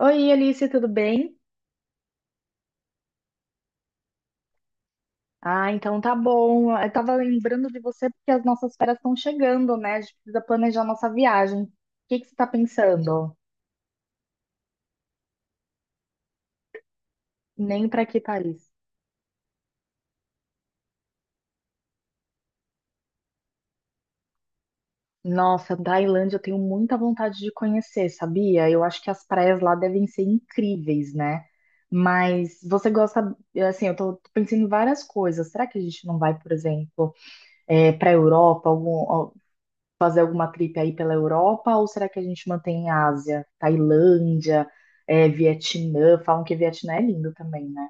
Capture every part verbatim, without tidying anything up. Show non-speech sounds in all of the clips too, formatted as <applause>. Oi, Alice, tudo bem? Ah, então tá bom. Eu tava lembrando de você porque as nossas férias estão chegando, né? A gente precisa planejar nossa viagem. O que que você tá pensando? Nem pra que Paris? Nossa, Tailândia eu tenho muita vontade de conhecer, sabia? Eu acho que as praias lá devem ser incríveis, né? Mas você gosta, assim, eu tô, tô pensando em várias coisas. Será que a gente não vai, por exemplo, para a Europa, fazer alguma trip aí pela Europa? Ou será que a gente mantém a Ásia, Tailândia, é, Vietnã? Falam que Vietnã é lindo também, né?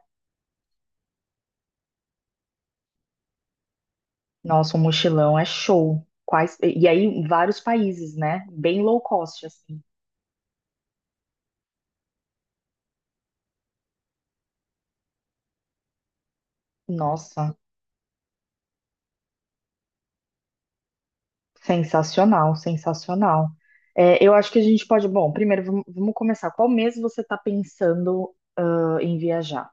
Nossa, um mochilão é show. Quais... E aí, vários países, né? Bem low cost, assim. Nossa, sensacional, sensacional. É, eu acho que a gente pode. Bom, primeiro, vamos, vamos começar. Qual mês você está pensando, ah, em viajar?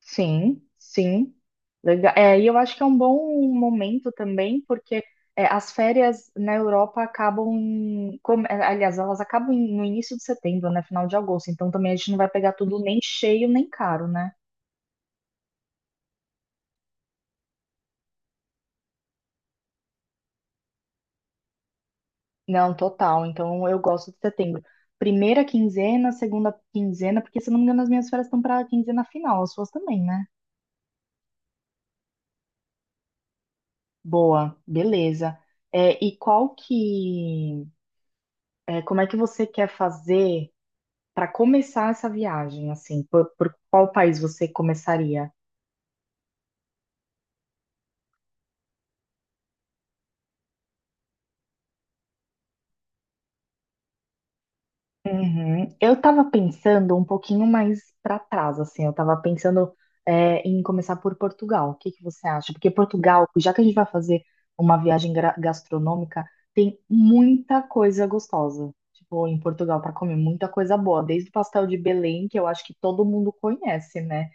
Sim, sim. Legal. É, e eu acho que é um bom momento também, porque é, as férias na Europa acabam, em- come- é, aliás, elas acabam em- no início de setembro, né, final de agosto. Então também a gente não vai pegar tudo nem cheio nem caro, né? Não, total. Então eu gosto de setembro. Primeira quinzena, segunda quinzena, porque se eu não me engano as minhas férias estão para a quinzena final, as suas também, né? Boa, beleza. É, e qual que, é, como é que você quer fazer para começar essa viagem, assim, por, por qual país você começaria? Uhum. Eu tava pensando um pouquinho mais para trás, assim, eu tava pensando é, em começar por Portugal. O que que você acha? Porque Portugal, já que a gente vai fazer uma viagem gra- gastronômica, tem muita coisa gostosa. Tipo, em Portugal para comer muita coisa boa, desde o pastel de Belém, que eu acho que todo mundo conhece, né?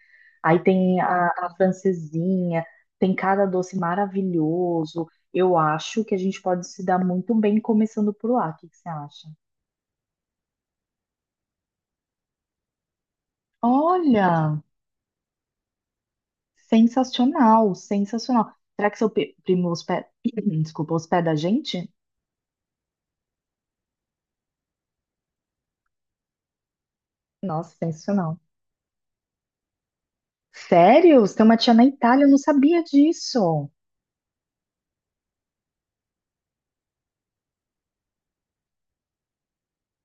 Aí tem a, a francesinha, tem cada doce maravilhoso. Eu acho que a gente pode se dar muito bem começando por lá. O que que você acha? Olha! Sensacional, sensacional. Será que seu pe- primo hospeda, <clears throat> desculpa, hospeda a gente? Nossa, sensacional. Sério? Você tem uma tia na Itália? Eu não sabia disso.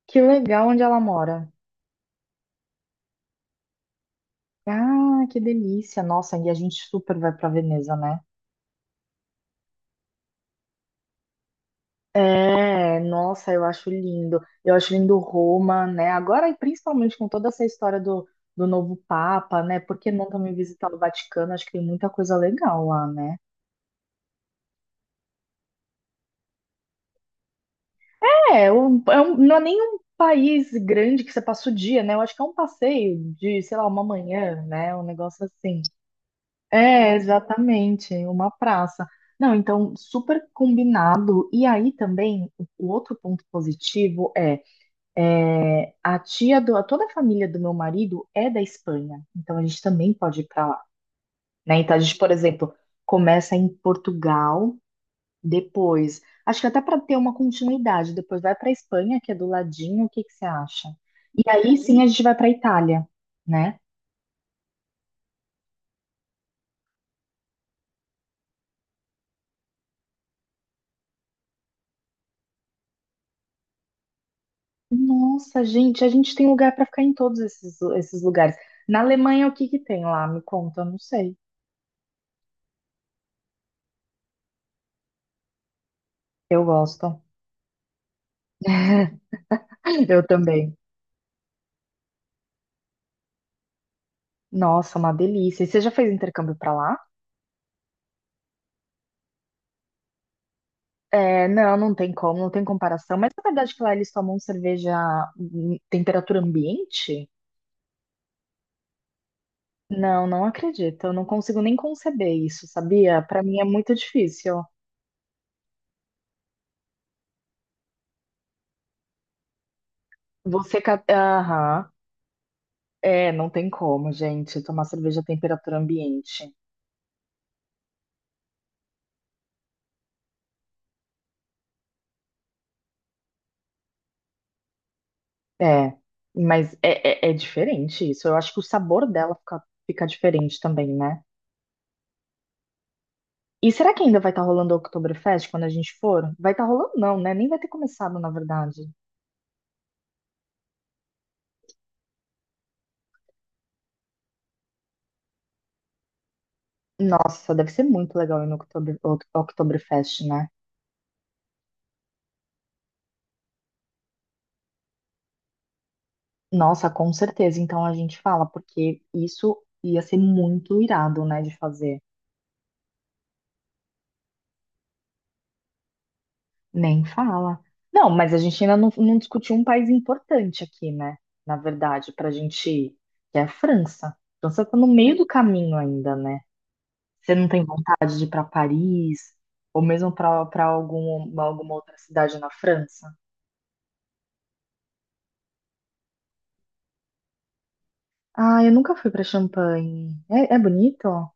Que legal onde ela mora. Ah, que delícia. Nossa, e a gente super vai pra Veneza, né? É, nossa, eu acho lindo. Eu acho lindo Roma, né? Agora, e principalmente com toda essa história do, do novo Papa, né? Por que não também visitar o Vaticano? Acho que tem muita coisa legal lá, né? É, um- é um- não é nem um país grande que você passa o dia, né? Eu acho que é um passeio de, sei lá, uma manhã, né? Um negócio assim. É, exatamente, uma praça. Não, então, super combinado. E aí também, o o outro ponto positivo é a tia do, toda a família do meu marido é da Espanha, então a gente também pode ir para lá, né? Então a gente, por exemplo, começa em Portugal. Depois, acho que até para ter uma continuidade, depois vai para Espanha, que é do ladinho, o que que você acha? E aí sim a gente vai para Itália, né? Nossa, gente, a gente tem lugar para ficar em todos esses, esses lugares. Na Alemanha, o que que tem lá? Me conta, eu não sei. Eu gosto. <laughs> Eu também. Nossa, uma delícia. E você já fez intercâmbio para lá? É, não, não tem como, não tem comparação. Mas é verdade que lá eles tomam cerveja em temperatura ambiente? Não, não acredito. Eu não consigo nem conceber isso, sabia? Para mim é muito difícil. Você. ca- Aham. É, não tem como, gente, tomar cerveja à temperatura ambiente. É, mas é, é, é diferente isso. Eu acho que o sabor dela fica, fica diferente também, né? E será que ainda vai estar rolando o Oktoberfest quando a gente for? Vai estar rolando, não, né? Nem vai ter começado, na verdade. Nossa, deve ser muito legal ir no Oktober, Oktoberfest, né? Nossa, com certeza. Então a gente fala, porque isso ia ser muito irado, né, de fazer. Nem fala. Não, mas a gente ainda não, não discutiu um país importante aqui, né? Na verdade, pra gente ir, que é a França. A França tá no meio do caminho ainda, né? Você não tem vontade de ir pra Paris, ou mesmo pra para algum, alguma outra cidade na França? Ah, eu nunca fui pra Champagne. É, é bonito?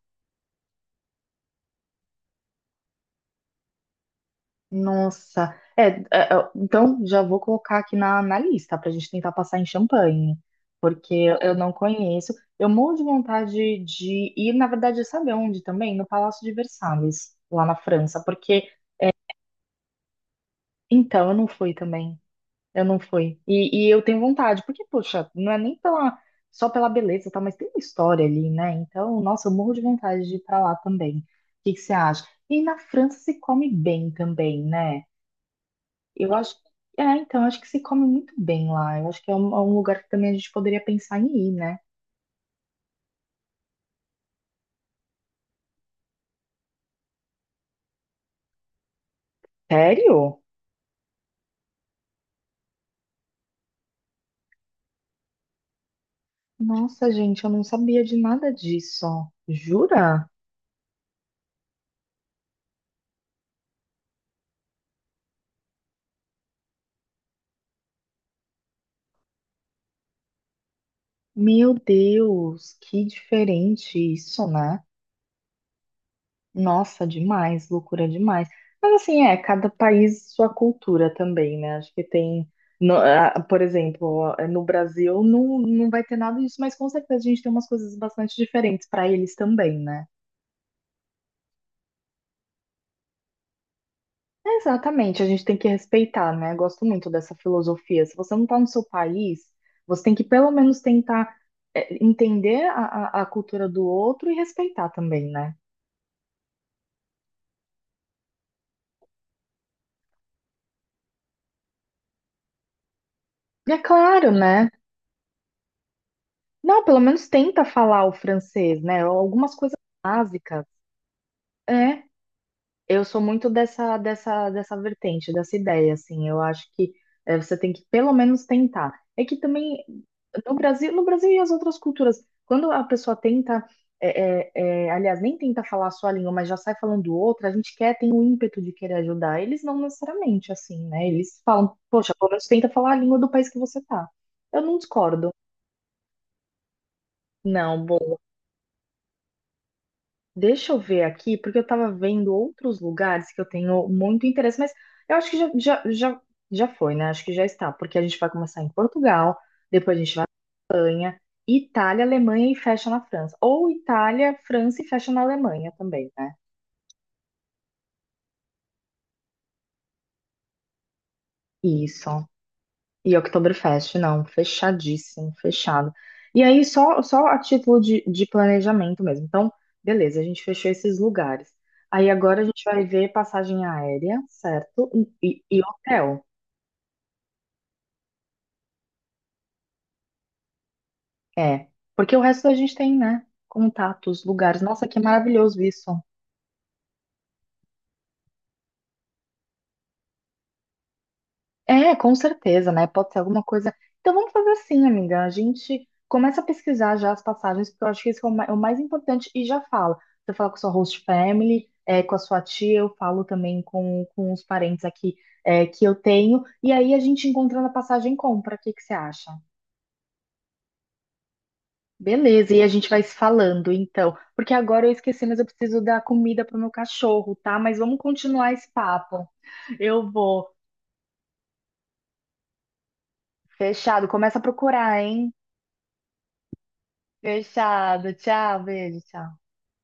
Nossa, é, é, é, então já vou colocar aqui na, na lista para a gente tentar passar em Champanhe, porque eu não conheço. Eu morro de vontade de ir, na verdade, sabe onde também? No Palácio de Versalhes, lá na França, porque então eu não fui também, eu não fui. E, e eu tenho vontade, porque, poxa, não é nem pela, só pela beleza, tá, mas tem uma história ali, né? Então, nossa, eu morro de vontade de ir para lá também. O que que você acha? E na França se come bem também, né? Eu acho, é, então, acho que se come muito bem lá. Eu acho que é um, é um lugar que também a gente poderia pensar em ir, né? Sério? Nossa, gente, eu não sabia de nada disso. Jura? Meu Deus, que diferente isso, né? Nossa, demais, loucura demais. Mas assim, é, cada país sua cultura também, né? Acho que tem, no- ah, por exemplo, é, no Brasil não, não vai ter nada disso, mas com certeza a gente tem umas coisas bastante diferentes para eles também, né? Exatamente, a gente tem que respeitar, né? Gosto muito dessa filosofia. Se você não está no seu país, você tem que pelo menos tentar é, entender a, a, a cultura do outro e respeitar também, né? E é claro, né? Não, pelo menos tenta falar o francês, né? Algumas coisas básicas. É. Eu sou muito dessa, dessa, dessa vertente, dessa ideia, assim. Eu acho que eh, você tem que pelo menos tentar. É que também no Brasil, no Brasil e as outras culturas, quando a pessoa tenta, eh, eh, eh, aliás, nem tenta falar a sua língua, mas já sai falando outra, a gente quer, tem o ímpeto de querer ajudar. Eles não necessariamente assim, né? Eles falam, poxa, pelo menos tenta falar a língua do país que você tá. Eu não discordo. Não, deixa eu ver aqui, porque eu estava vendo outros lugares que eu tenho muito interesse, mas eu acho que já, já, já, já foi, né? Acho que já está, porque a gente vai começar em Portugal, depois a gente vai em Itália, Alemanha e fecha na França. Ou Itália, França e fecha na Alemanha também, né? Isso. E Oktoberfest, não, fechadíssimo, fechado. E aí, só, só a título de, de planejamento mesmo. Então, beleza, a gente fechou esses lugares. Aí agora a gente vai ver passagem aérea, certo? E, e e hotel. É, porque o resto da gente tem, né? Contatos, lugares. Nossa, que maravilhoso isso. É, com certeza, né? Pode ser alguma coisa. Então vamos fazer assim, amiga. A gente começa a pesquisar já as passagens, porque eu acho que isso é o ma- é o mais importante e já fala. Você fala com a sua host family, é, com a sua tia, eu falo também com, com os parentes aqui é, que eu tenho. E aí a gente encontrando a passagem compra. O que que você acha? Beleza, e a gente vai se falando então. Porque agora eu esqueci, mas eu preciso dar comida pro meu cachorro, tá? Mas vamos continuar esse papo. Eu vou. Fechado, começa a procurar, hein? Fechado. Tchau, beijo, tchau.